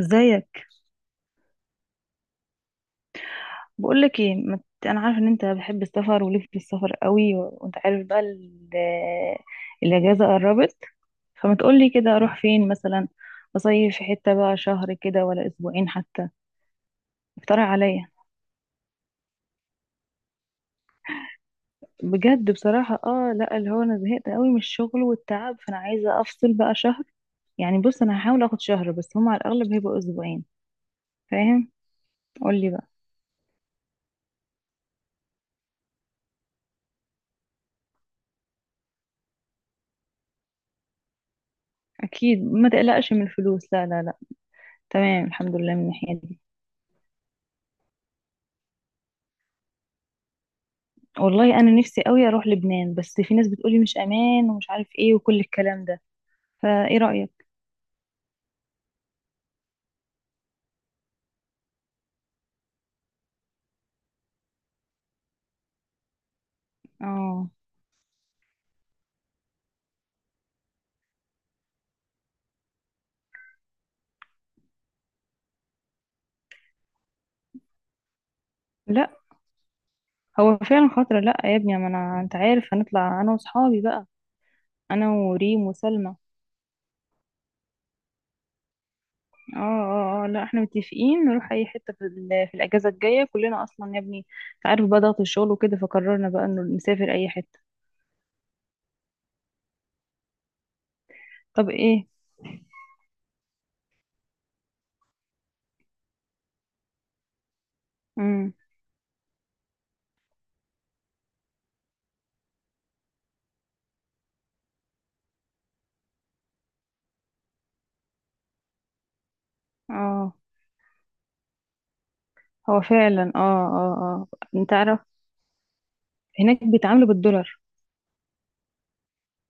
ازيك؟ بقولك ايه، ما ت- انا عارفه ان انت بحب السفر وليك في السفر قوي، وانت عارف بقى الاجازه قربت. فما تقولي كده اروح فين مثلا، اصيف في حته بقى شهر كده ولا اسبوعين حتى. اقترح عليا. بجد بصراحه، اه لا، اللي هو انا زهقت قوي من الشغل والتعب، فانا عايزه افصل بقى شهر. يعني بص، انا هحاول اخد شهر بس هم على الاغلب هيبقوا اسبوعين. فاهم؟ قولي بقى. اكيد ما تقلقش من الفلوس، لا لا لا. تمام الحمد لله من الناحيه دي. والله انا نفسي قوي اروح لبنان، بس في ناس بتقولي مش امان ومش عارف ايه وكل الكلام ده. فايه رايك؟ اه لا، هو فعلا خطر. لا يا ابني، ما انا انت عارف هنطلع انا واصحابي بقى. انا وريم وسلمى. اه اه اه، لا احنا متفقين نروح اي حته في، في الاجازه الجايه كلنا اصلا يا ابني. انت عارف بقى ضغط الشغل وكده، فقررنا بقى انه نسافر اي حته. طب ايه؟ امم اه هو فعلا، اه اه. اه انت عارف هناك بيتعاملوا بالدولار.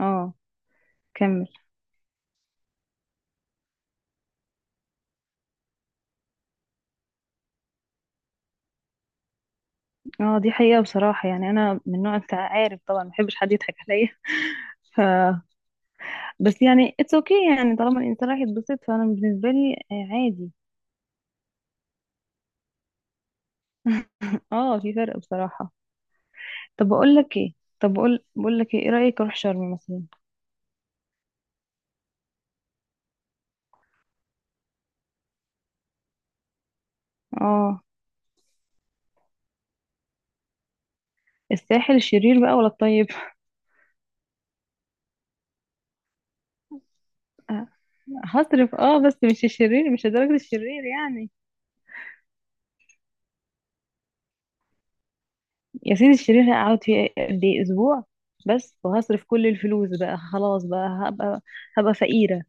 اه كمل. اه دي حقيقة، بصراحة يعني انا من نوع انت عارف طبعا ما بحبش حد يضحك عليا. ف بس يعني اتس اوكي okay، يعني طالما الانسان راح يتبسط فانا بالنسبة لي عادي. اه في فرق بصراحة. طب بقول لك ايه، طب بقول لك ايه، إيه رأيك اروح شرم مثلا؟ اه الساحل الشرير بقى ولا الطيب؟ آه، هصرف اه، بس مش الشرير، مش لدرجة الشرير يعني. يا سيدي الشرير هقعد فيه قد ايه؟ اسبوع بس، وهصرف كل الفلوس بقى خلاص، بقى هبقى فقيرة.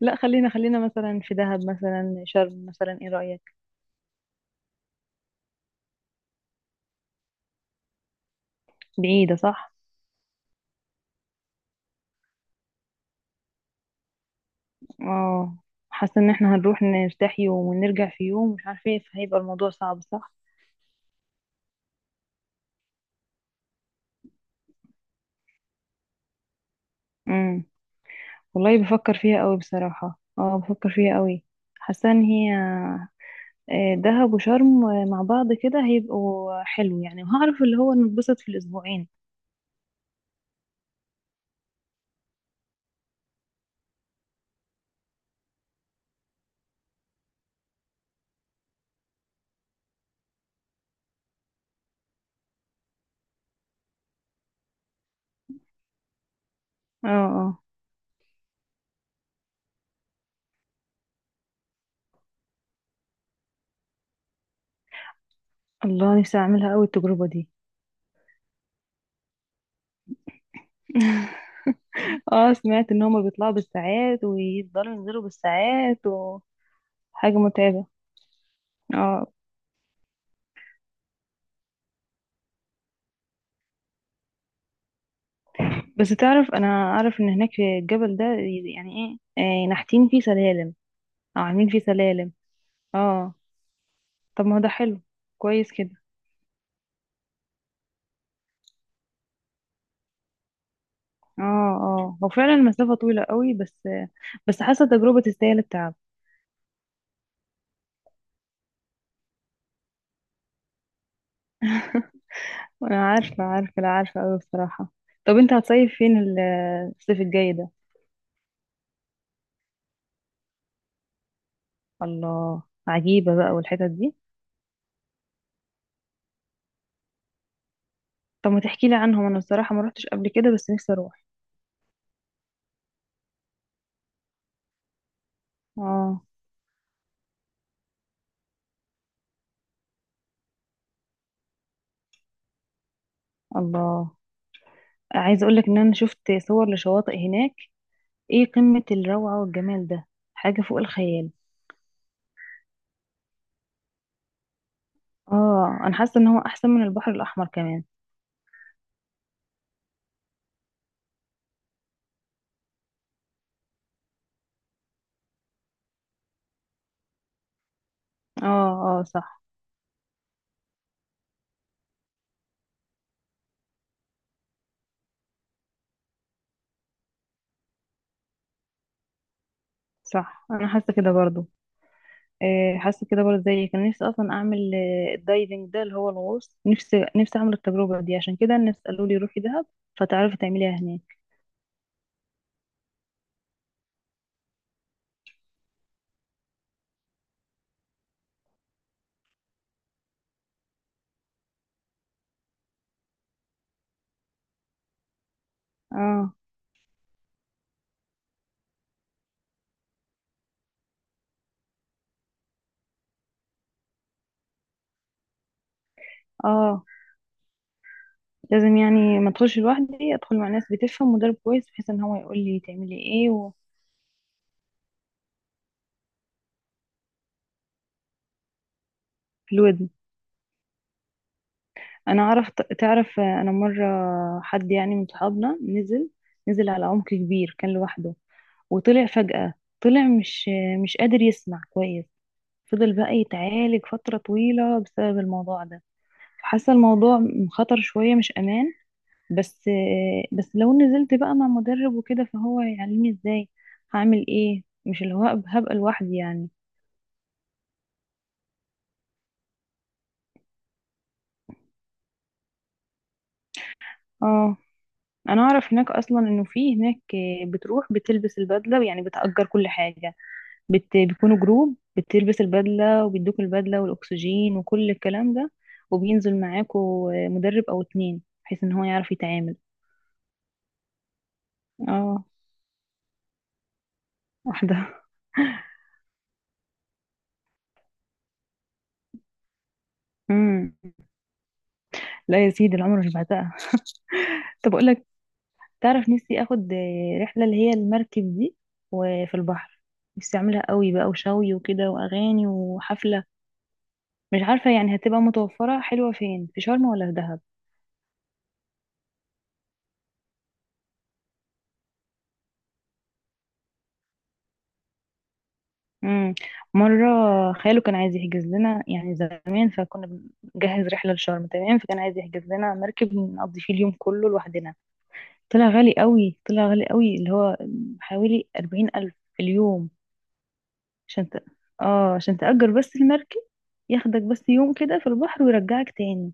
لا خلينا خلينا مثلا في دهب مثلا، شرم مثلا، ايه رأيك؟ بعيدة صح. اه حاسة ان احنا هنروح نرتاح يوم ونرجع في يوم مش عارفة ايه، فهيبقى الموضوع صعب صح. امم والله بفكر فيها قوي بصراحة، اه بفكر فيها قوي. حاسة ان هي دهب وشرم مع بعض كده هيبقوا حلو يعني، وهعرف اللي هو نتبسط في الاسبوعين. اه اه. الله، نفسي اعملها قوي التجربة دي. اه سمعت ان هما بيطلعوا بالساعات ويفضلوا ينزلوا بالساعات، وحاجة متعبة. اه بس تعرف، انا اعرف ان هناك في الجبل ده يعني ايه نحتين فيه سلالم او عاملين فيه سلالم. اه طب ما هو ده حلو. كويس كده. اه اه هو فعلا المسافة طويلة قوي، بس بس حاسة تجربة تستاهل التعب. انا عارفة عارفة، لا عارفة قوي بصراحة. طب انت هتصيف فين الصيف الجاي ده؟ الله، عجيبة بقى والحتت دي. طب ما تحكي لي عنهم، انا بصراحة ما روحتش قبل كده بس نفسي اروح. اه الله. عايزة اقولك ان انا شفت صور لشواطئ هناك، ايه قمة الروعة والجمال ده، حاجة فوق الخيال. اه انا حاسة ان هو احسن من البحر الاحمر كمان. اه اه صح. صح انا حاسة كده برضو، حاسة كده برضو زيك. كان نفسي اصلا اعمل الدايفنج ده اللي هو الغوص، نفسي نفسي اعمل التجربة دي. عشان كده الناس قالوا لي روحي دهب، فتعرفي تعمليها هناك. اه اه لازم، يعني ما ادخلش لوحدي، ادخل مع ناس بتفهم، مدرب كويس بحيث ان هو يقول لي تعملي ايه. وفي، انا اعرف. تعرف انا مره حد يعني من صحابنا نزل، نزل على عمق كبير، كان لوحده، وطلع فجأة. طلع مش قادر يسمع كويس، فضل بقى يتعالج فتره طويله بسبب الموضوع ده. حاسه الموضوع خطر شويه، مش امان. بس بس لو نزلت بقى مع مدرب وكده فهو يعلمني ازاي هعمل ايه، مش اللي هو هبقى لوحدي يعني. اه انا اعرف، هناك اصلا انه في هناك بتروح بتلبس البدله، يعني بتأجر كل حاجه. بيكونوا جروب، بتلبس البدلة وبيدوك البدلة والأكسجين وكل الكلام ده، وبينزل معاكوا مدرب أو اتنين بحيث إن هو يعرف يتعامل. اه واحدة. مم. لا يا سيدي، العمر مش بعتها. طب أقول لك، تعرف نفسي آخد رحلة اللي هي المركب دي وفي البحر، نفسي أعملها قوي بقى، وشوي وكده وأغاني وحفلة. مش عارفة يعني هتبقى متوفرة حلوة فين، في شرم ولا في دهب؟ امم مرة خاله كان عايز يحجز لنا يعني زمان، فكنا بنجهز رحلة لشرم تمام، فكان عايز يحجز لنا مركب نقضي فيه اليوم كله لوحدنا. طلع غالي قوي، طلع غالي قوي، اللي هو حوالي 40,000 في اليوم. عشان ت... اه عشان تأجر بس المركب، ياخدك بس يوم كده في البحر ويرجعك تاني.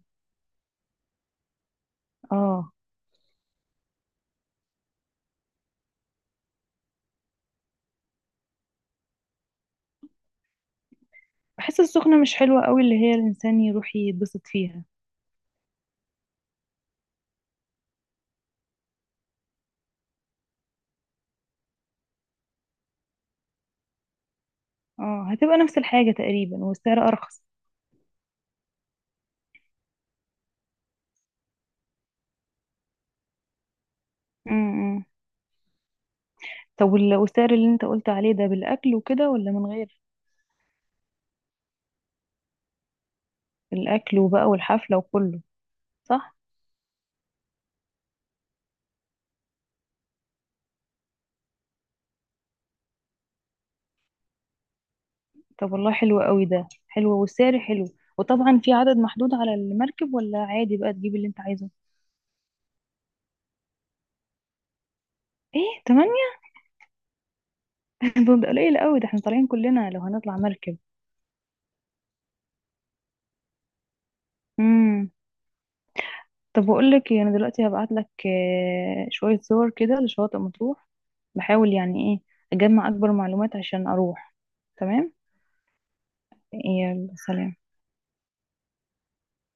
اه بحس السخنة مش حلوة قوي اللي هي الإنسان يروح يتبسط فيها. اه هتبقى نفس الحاجة تقريبا والسعر أرخص. مم. طب والسعر اللي انت قلت عليه ده بالاكل وكده ولا من غير؟ الاكل وبقى والحفله وكله؟ صح. طب والله حلو قوي ده، حلو والسعر حلو. وطبعا في عدد محدود على المركب ولا عادي بقى تجيب اللي انت عايزه؟ ايه 8؟ طب ده قليل قوي، ده احنا طالعين كلنا لو هنطلع مركب. امم طب بقول لك ايه، انا دلوقتي هبعت لك شويه صور كده لشواطئ مطروح. بحاول يعني ايه اجمع اكبر معلومات عشان اروح. تمام. يلا سلام.